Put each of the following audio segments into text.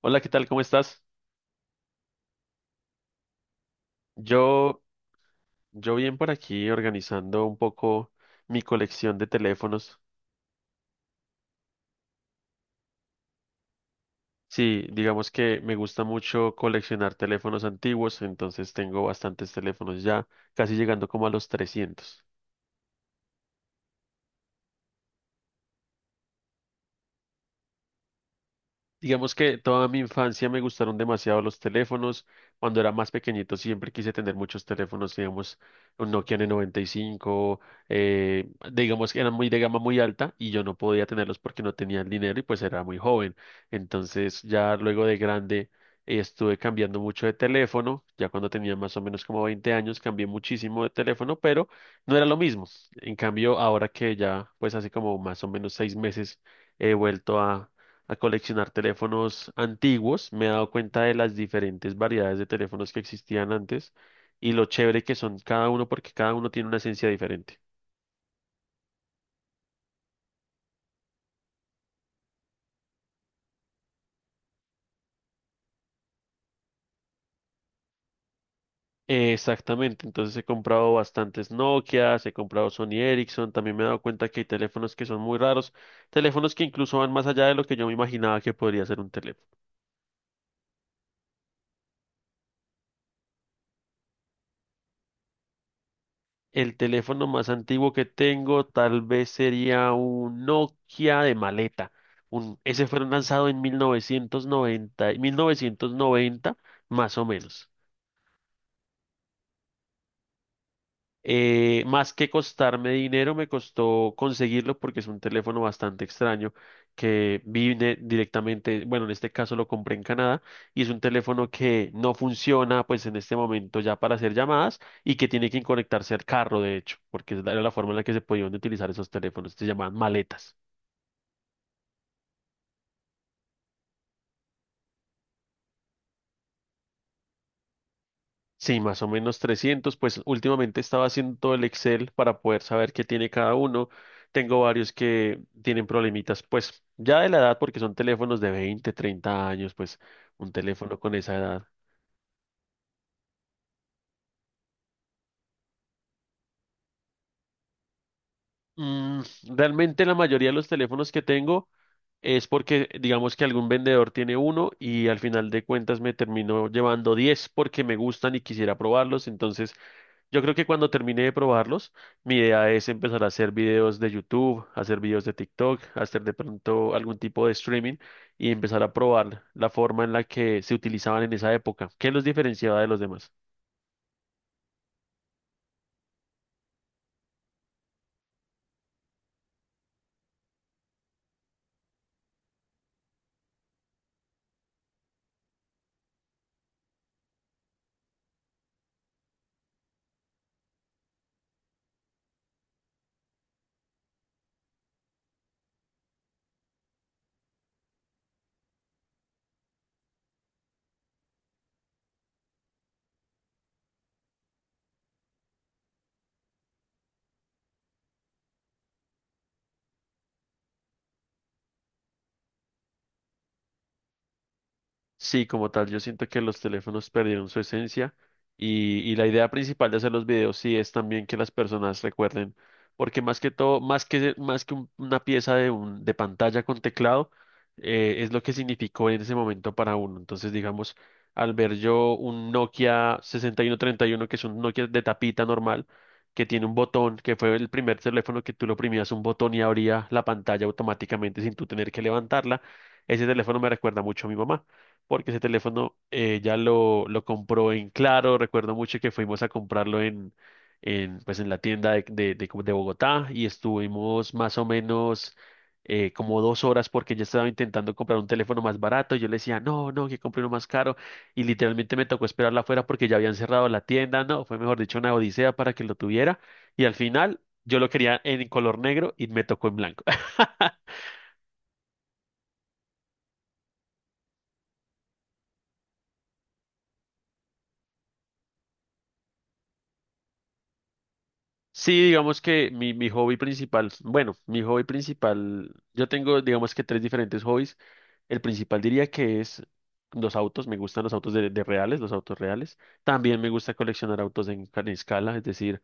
Hola, ¿qué tal? ¿Cómo estás? Yo, yo bien por aquí organizando un poco mi colección de teléfonos. Sí, digamos que me gusta mucho coleccionar teléfonos antiguos, entonces tengo bastantes teléfonos ya, casi llegando como a los 300. Digamos que toda mi infancia me gustaron demasiado los teléfonos. Cuando era más pequeñito siempre quise tener muchos teléfonos, digamos, un Nokia N95, digamos que eran muy de gama muy alta y yo no podía tenerlos porque no tenía el dinero y pues era muy joven. Entonces ya luego de grande estuve cambiando mucho de teléfono. Ya cuando tenía más o menos como 20 años cambié muchísimo de teléfono, pero no era lo mismo. En cambio, ahora que ya pues hace como más o menos 6 meses he vuelto a coleccionar teléfonos antiguos, me he dado cuenta de las diferentes variedades de teléfonos que existían antes y lo chévere que son cada uno porque cada uno tiene una esencia diferente. Exactamente, entonces he comprado bastantes Nokias, he comprado Sony Ericsson, también me he dado cuenta que hay teléfonos que son muy raros, teléfonos que incluso van más allá de lo que yo me imaginaba que podría ser un teléfono. El teléfono más antiguo que tengo tal vez sería un Nokia de maleta. Ese fue lanzado en 1990, 1990, más o menos. Más que costarme dinero, me costó conseguirlo porque es un teléfono bastante extraño que vine directamente, bueno, en este caso lo compré en Canadá y es un teléfono que no funciona pues en este momento ya para hacer llamadas y que tiene que conectarse al carro, de hecho, porque es era la forma en la que se podían utilizar esos teléfonos, se llamaban maletas. Sí, más o menos 300, pues últimamente estaba haciendo todo el Excel para poder saber qué tiene cada uno. Tengo varios que tienen problemitas, pues ya de la edad, porque son teléfonos de 20, 30 años, pues un teléfono con esa edad. Mm, realmente la mayoría de los teléfonos que tengo es porque digamos que algún vendedor tiene uno y al final de cuentas me termino llevando 10 porque me gustan y quisiera probarlos, entonces yo creo que cuando termine de probarlos, mi idea es empezar a hacer videos de YouTube, hacer videos de TikTok, hacer de pronto algún tipo de streaming y empezar a probar la forma en la que se utilizaban en esa época, qué los diferenciaba de los demás. Sí, como tal, yo siento que los teléfonos perdieron su esencia y la idea principal de hacer los videos sí es también que las personas recuerden, porque más que todo, más que una pieza de pantalla con teclado, es lo que significó en ese momento para uno. Entonces, digamos, al ver yo un Nokia 6131, que es un Nokia de tapita normal, que tiene un botón, que fue el primer teléfono que tú lo oprimías un botón y abría la pantalla automáticamente sin tú tener que levantarla, ese teléfono me recuerda mucho a mi mamá porque ese teléfono ya lo compró en Claro. Recuerdo mucho que fuimos a comprarlo pues en la tienda de como de Bogotá y estuvimos más o menos como 2 horas porque ya estaba intentando comprar un teléfono más barato. Yo le decía, no, no, que compre uno más caro. Y literalmente me tocó esperarla afuera porque ya habían cerrado la tienda. No, fue mejor dicho una odisea para que lo tuviera. Y al final yo lo quería en color negro y me tocó en blanco. Sí, digamos que mi hobby principal, bueno, mi hobby principal, yo tengo digamos que tres diferentes hobbies. El principal diría que es los autos, me gustan los autos de reales, los autos reales. También me gusta coleccionar autos en escala, es decir,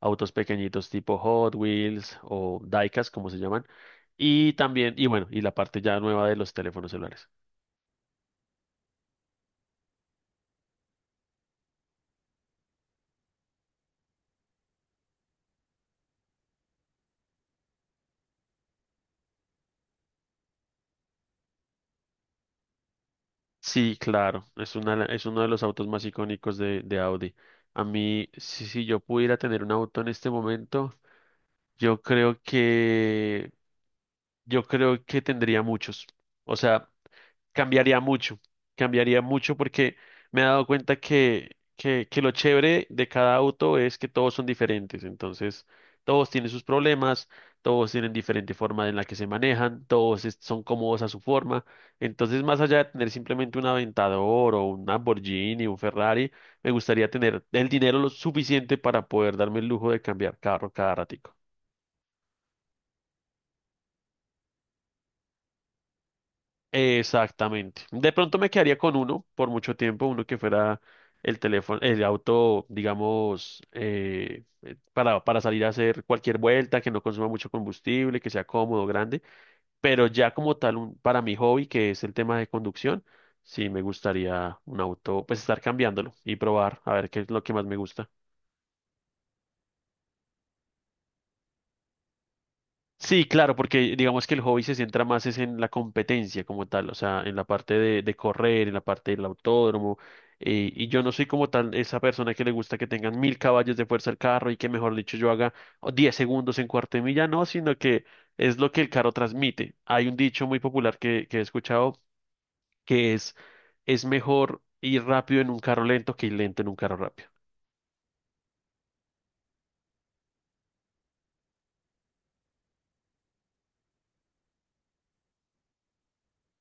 autos pequeñitos tipo Hot Wheels o Diecast, como se llaman. Y también, y bueno, y la parte ya nueva de los teléfonos celulares. Sí, claro, es una, es uno de los autos más icónicos de Audi. A mí, si yo pudiera tener un auto en este momento, yo creo que, yo creo que tendría muchos. O sea, cambiaría mucho, cambiaría mucho porque me he dado cuenta que lo chévere de cada auto es que todos son diferentes. Entonces, todos tienen sus problemas, todos tienen diferente forma en la que se manejan, todos son cómodos a su forma. Entonces, más allá de tener simplemente un Aventador o un Lamborghini, un Ferrari, me gustaría tener el dinero lo suficiente para poder darme el lujo de cambiar carro cada rato. Exactamente. De pronto me quedaría con uno por mucho tiempo, uno que fuera el teléfono, el auto, digamos, para salir a hacer cualquier vuelta, que no consuma mucho combustible, que sea cómodo, grande. Pero ya como tal, para mi hobby, que es el tema de conducción, sí me gustaría un auto, pues estar cambiándolo y probar a ver qué es lo que más me gusta. Sí, claro, porque digamos que el hobby se centra más es en la competencia como tal, o sea, en la parte de correr, en la parte del autódromo, y yo no soy como tal esa persona que le gusta que tengan 1000 caballos de fuerza el carro y que mejor dicho yo haga oh, 10 segundos en cuarto de milla, no, sino que es lo que el carro transmite. Hay un dicho muy popular que he escuchado que es mejor ir rápido en un carro lento que ir lento en un carro rápido.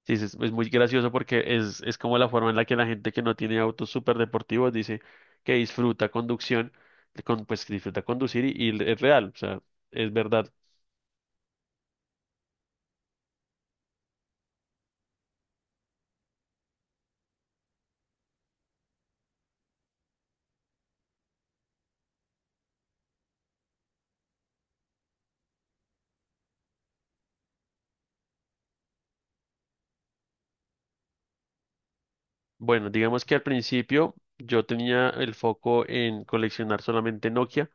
Sí, es muy gracioso porque es como la forma en la que la gente que no tiene autos súper deportivos dice que disfruta conducción, con, pues que disfruta conducir y es real, o sea, es verdad. Bueno, digamos que al principio yo tenía el foco en coleccionar solamente Nokia,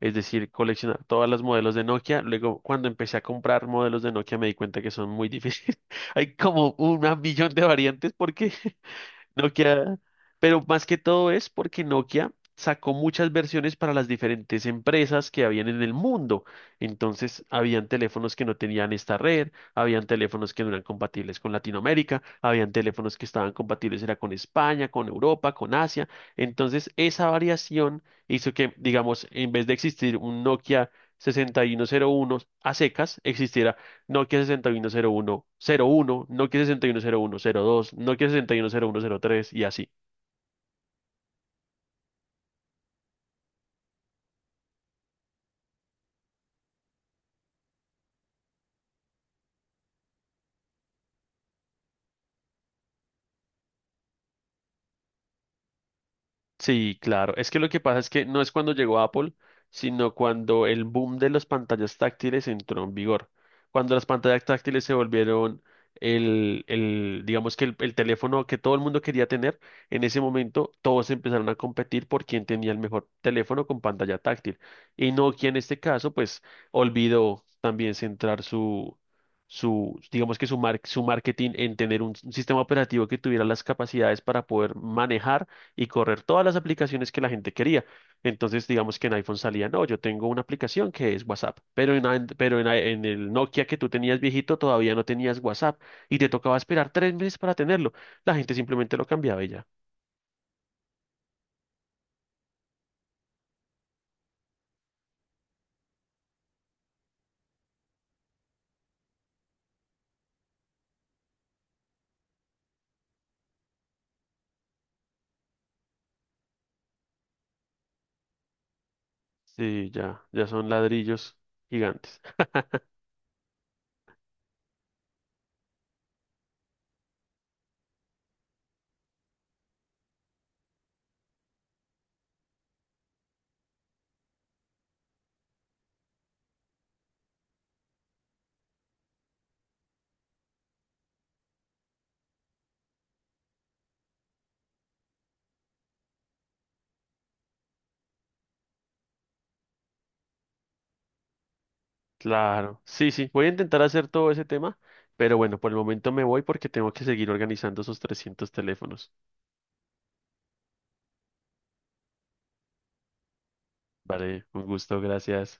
es decir, coleccionar todas las modelos de Nokia. Luego, cuando empecé a comprar modelos de Nokia, me di cuenta que son muy difíciles. Hay como un millón de variantes porque Nokia, pero más que todo es porque Nokia sacó muchas versiones para las diferentes empresas que habían en el mundo. Entonces, habían teléfonos que no tenían esta red, habían teléfonos que no eran compatibles con Latinoamérica, habían teléfonos que estaban compatibles era con España, con Europa, con Asia. Entonces, esa variación hizo que, digamos, en vez de existir un Nokia 6101 a secas, existiera Nokia 610101, Nokia 610102, Nokia 610103 y así. Sí, claro. Es que lo que pasa es que no es cuando llegó Apple, sino cuando el boom de las pantallas táctiles entró en vigor. Cuando las pantallas táctiles se volvieron el digamos que el teléfono que todo el mundo quería tener, en ese momento todos empezaron a competir por quién tenía el mejor teléfono con pantalla táctil. Y Nokia en este caso, pues, olvidó también centrar su, su, digamos que su marketing en tener un sistema operativo que tuviera las capacidades para poder manejar y correr todas las aplicaciones que la gente quería. Entonces, digamos que en iPhone salía, no, yo tengo una aplicación que es WhatsApp, pero en, and- pero en el Nokia que tú tenías viejito todavía no tenías WhatsApp y te tocaba esperar 3 meses para tenerlo. La gente simplemente lo cambiaba y ya. Sí, ya, ya son ladrillos gigantes. Claro, sí, sí, voy a intentar hacer todo ese tema, pero bueno, por el momento me voy porque tengo que seguir organizando esos 300 teléfonos. Vale, un gusto, gracias.